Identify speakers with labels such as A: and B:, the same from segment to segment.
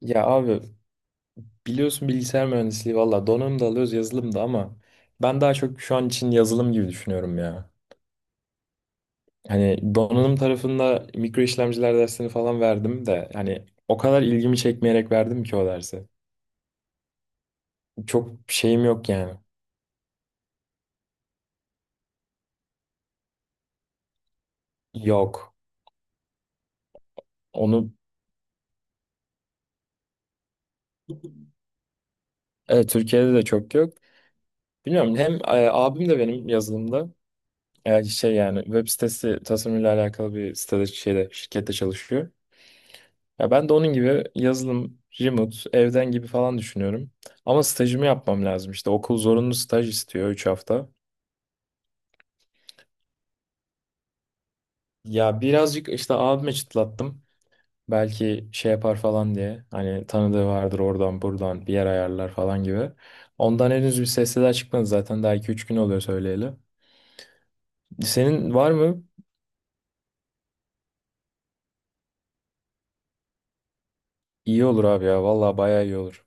A: Ya abi biliyorsun bilgisayar mühendisliği valla donanım da alıyoruz yazılım da ama ben daha çok şu an için yazılım gibi düşünüyorum ya. Hani donanım tarafında mikro işlemciler dersini falan verdim de hani o kadar ilgimi çekmeyerek verdim ki o dersi. Çok şeyim yok yani. Yok. Onu evet, Türkiye'de de çok yok. Bilmiyorum hem abim de benim yazılımda şey yani web sitesi tasarımıyla alakalı bir sitede şirkette çalışıyor. Ya ben de onun gibi yazılım, remote, evden gibi falan düşünüyorum. Ama stajımı yapmam lazım. İşte okul zorunlu staj istiyor 3 hafta. Ya birazcık işte abime çıtlattım. Belki şey yapar falan diye. Hani tanıdığı vardır oradan buradan bir yer ayarlar falan gibi. Ondan henüz bir sesler çıkmadı zaten. Daha iki üç gün oluyor söyleyeli. Senin var mı? İyi olur abi ya. Vallahi bayağı iyi olur.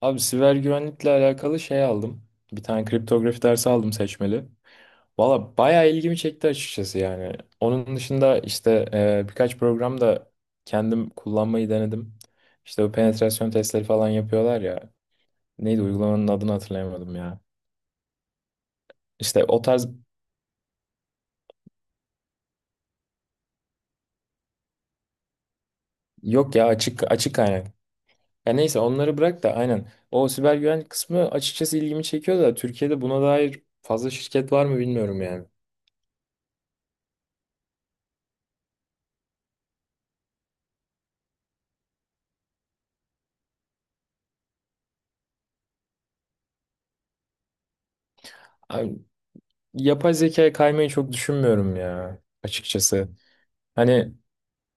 A: Abi, siber güvenlikle alakalı şey aldım. Bir tane kriptografi dersi aldım seçmeli. Valla bayağı ilgimi çekti açıkçası yani. Onun dışında işte birkaç program da kendim kullanmayı denedim. İşte bu penetrasyon testleri falan yapıyorlar ya. Neydi uygulamanın adını hatırlayamadım ya. İşte o tarz, yok ya, açık kaynak. Ya neyse onları bırak da aynen. O siber güvenlik kısmı açıkçası ilgimi çekiyor da Türkiye'de buna dair fazla şirket var mı bilmiyorum yani. Abi, yapay zekaya kaymayı çok düşünmüyorum ya açıkçası. Hani,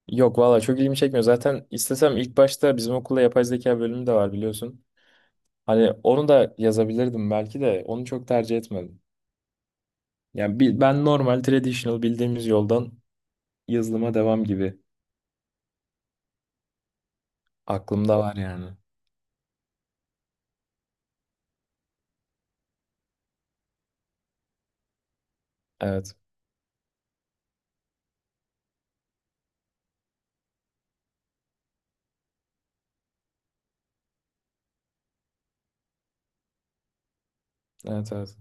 A: yok valla çok ilgimi çekmiyor. Zaten istesem ilk başta bizim okulda yapay zeka bölümü de var biliyorsun. Hani onu da yazabilirdim belki de onu çok tercih etmedim. Yani ben normal traditional bildiğimiz yoldan yazılıma devam gibi aklımda var yani. Evet. Evet evet.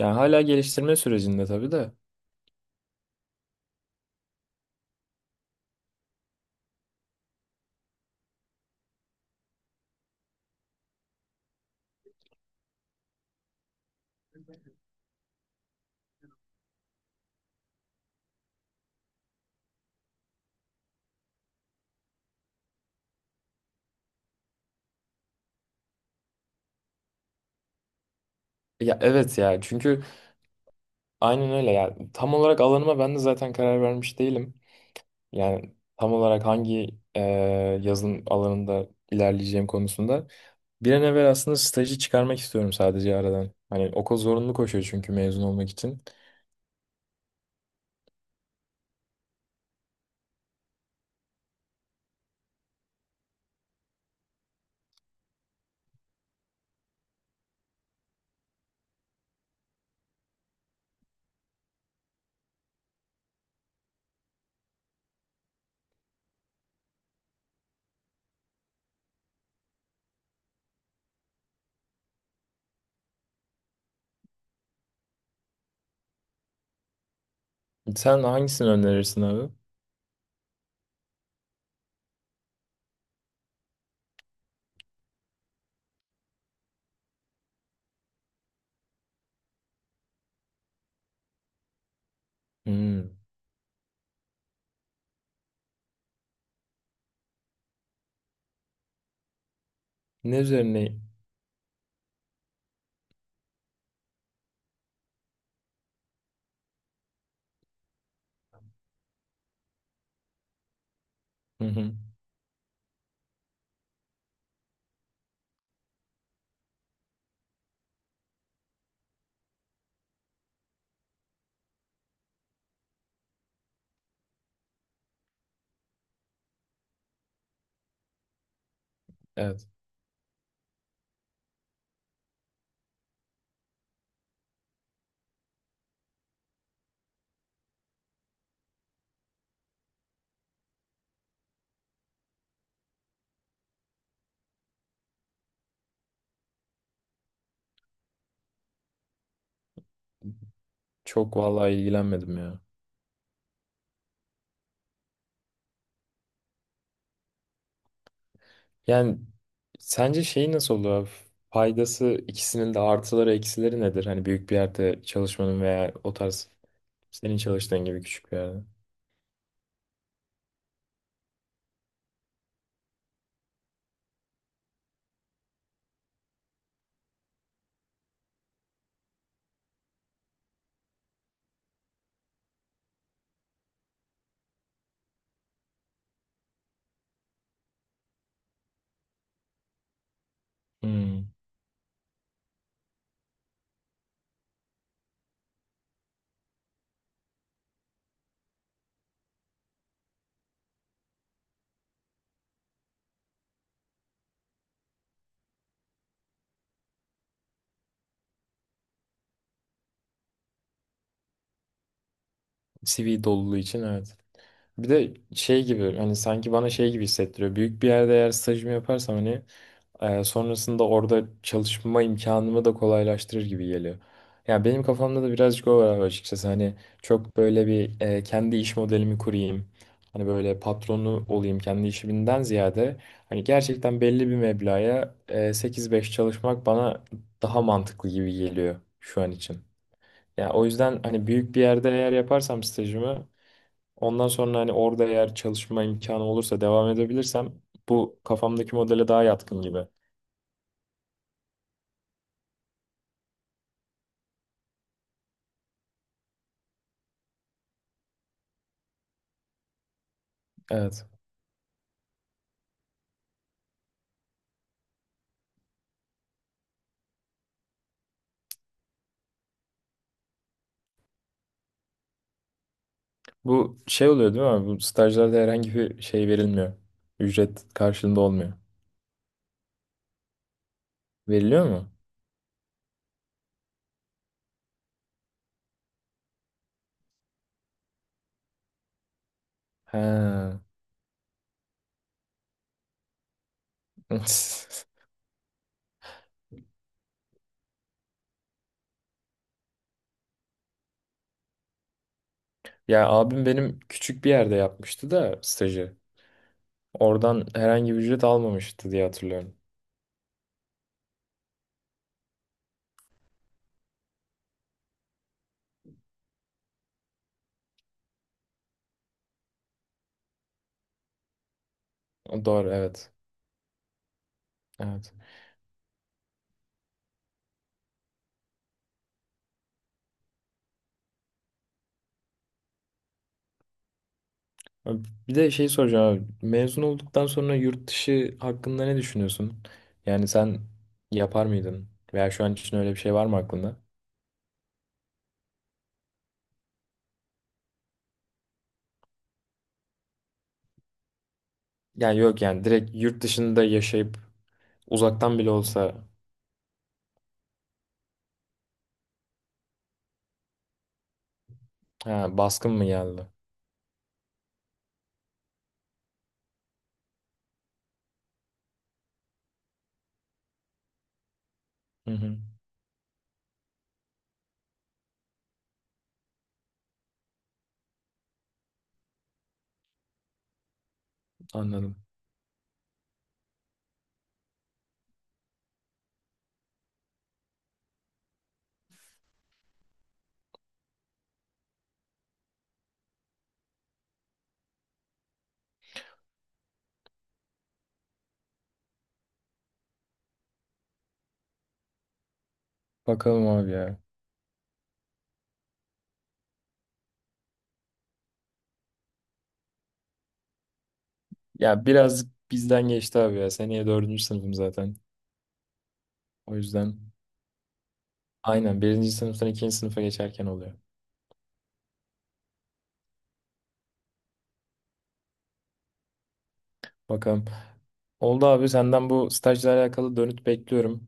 A: Yani hala geliştirme sürecinde tabii de. Ya evet ya çünkü, aynen öyle ya. Tam olarak alanıma ben de zaten karar vermiş değilim. Yani tam olarak hangi e, yazılım alanında ilerleyeceğim konusunda. Bir an evvel aslında stajı çıkarmak istiyorum sadece aradan. Hani okul zorunlu koşuyor çünkü mezun olmak için. Sen hangisini önerirsin abi? Hmm. Ne üzerine? Hı hı. Evet. Çok vallahi ilgilenmedim ya. Yani sence şey nasıl olur abi? Faydası, ikisinin de artıları eksileri nedir? Hani büyük bir yerde çalışmanın veya o tarz senin çalıştığın gibi küçük bir yerde. Hmm. CV doluluğu için evet. Bir de şey gibi hani, sanki bana şey gibi hissettiriyor. Büyük bir yerde eğer stajımı yaparsam hani, sonrasında orada çalışma imkanımı da kolaylaştırır gibi geliyor. Ya benim kafamda da birazcık o var açıkçası. Hani çok böyle bir, kendi iş modelimi kurayım. Hani böyle patronu olayım kendi işimden ziyade. Hani gerçekten belli bir meblağa 8-5 çalışmak bana daha mantıklı gibi geliyor şu an için. Ya o yüzden hani büyük bir yerde eğer yaparsam stajımı, ondan sonra hani orada eğer çalışma imkanı olursa devam edebilirsem bu kafamdaki modele daha yatkın gibi. Evet. Bu şey oluyor değil mi abi? Bu stajlarda herhangi bir şey verilmiyor. Ücret karşılığında olmuyor. Veriliyor mu? He. Ya abim benim küçük bir yerde yapmıştı da stajı. Oradan herhangi bir ücret almamıştı diye hatırlıyorum. Doğru evet. Evet. Abi, bir de şey soracağım abi. Mezun olduktan sonra yurt dışı hakkında ne düşünüyorsun? Yani sen yapar mıydın? Veya şu an için öyle bir şey var mı aklında? Yani yok yani direkt yurt dışında yaşayıp uzaktan bile olsa. Ha, baskın mı geldi? Hı hı, anladım. Bakalım abi ya. Ya biraz bizden geçti abi ya. Seneye dördüncü sınıfım zaten. O yüzden aynen birinci sınıftan ikinci sınıfa geçerken oluyor. Bakalım. Oldu abi, senden bu stajla alakalı dönüt bekliyorum.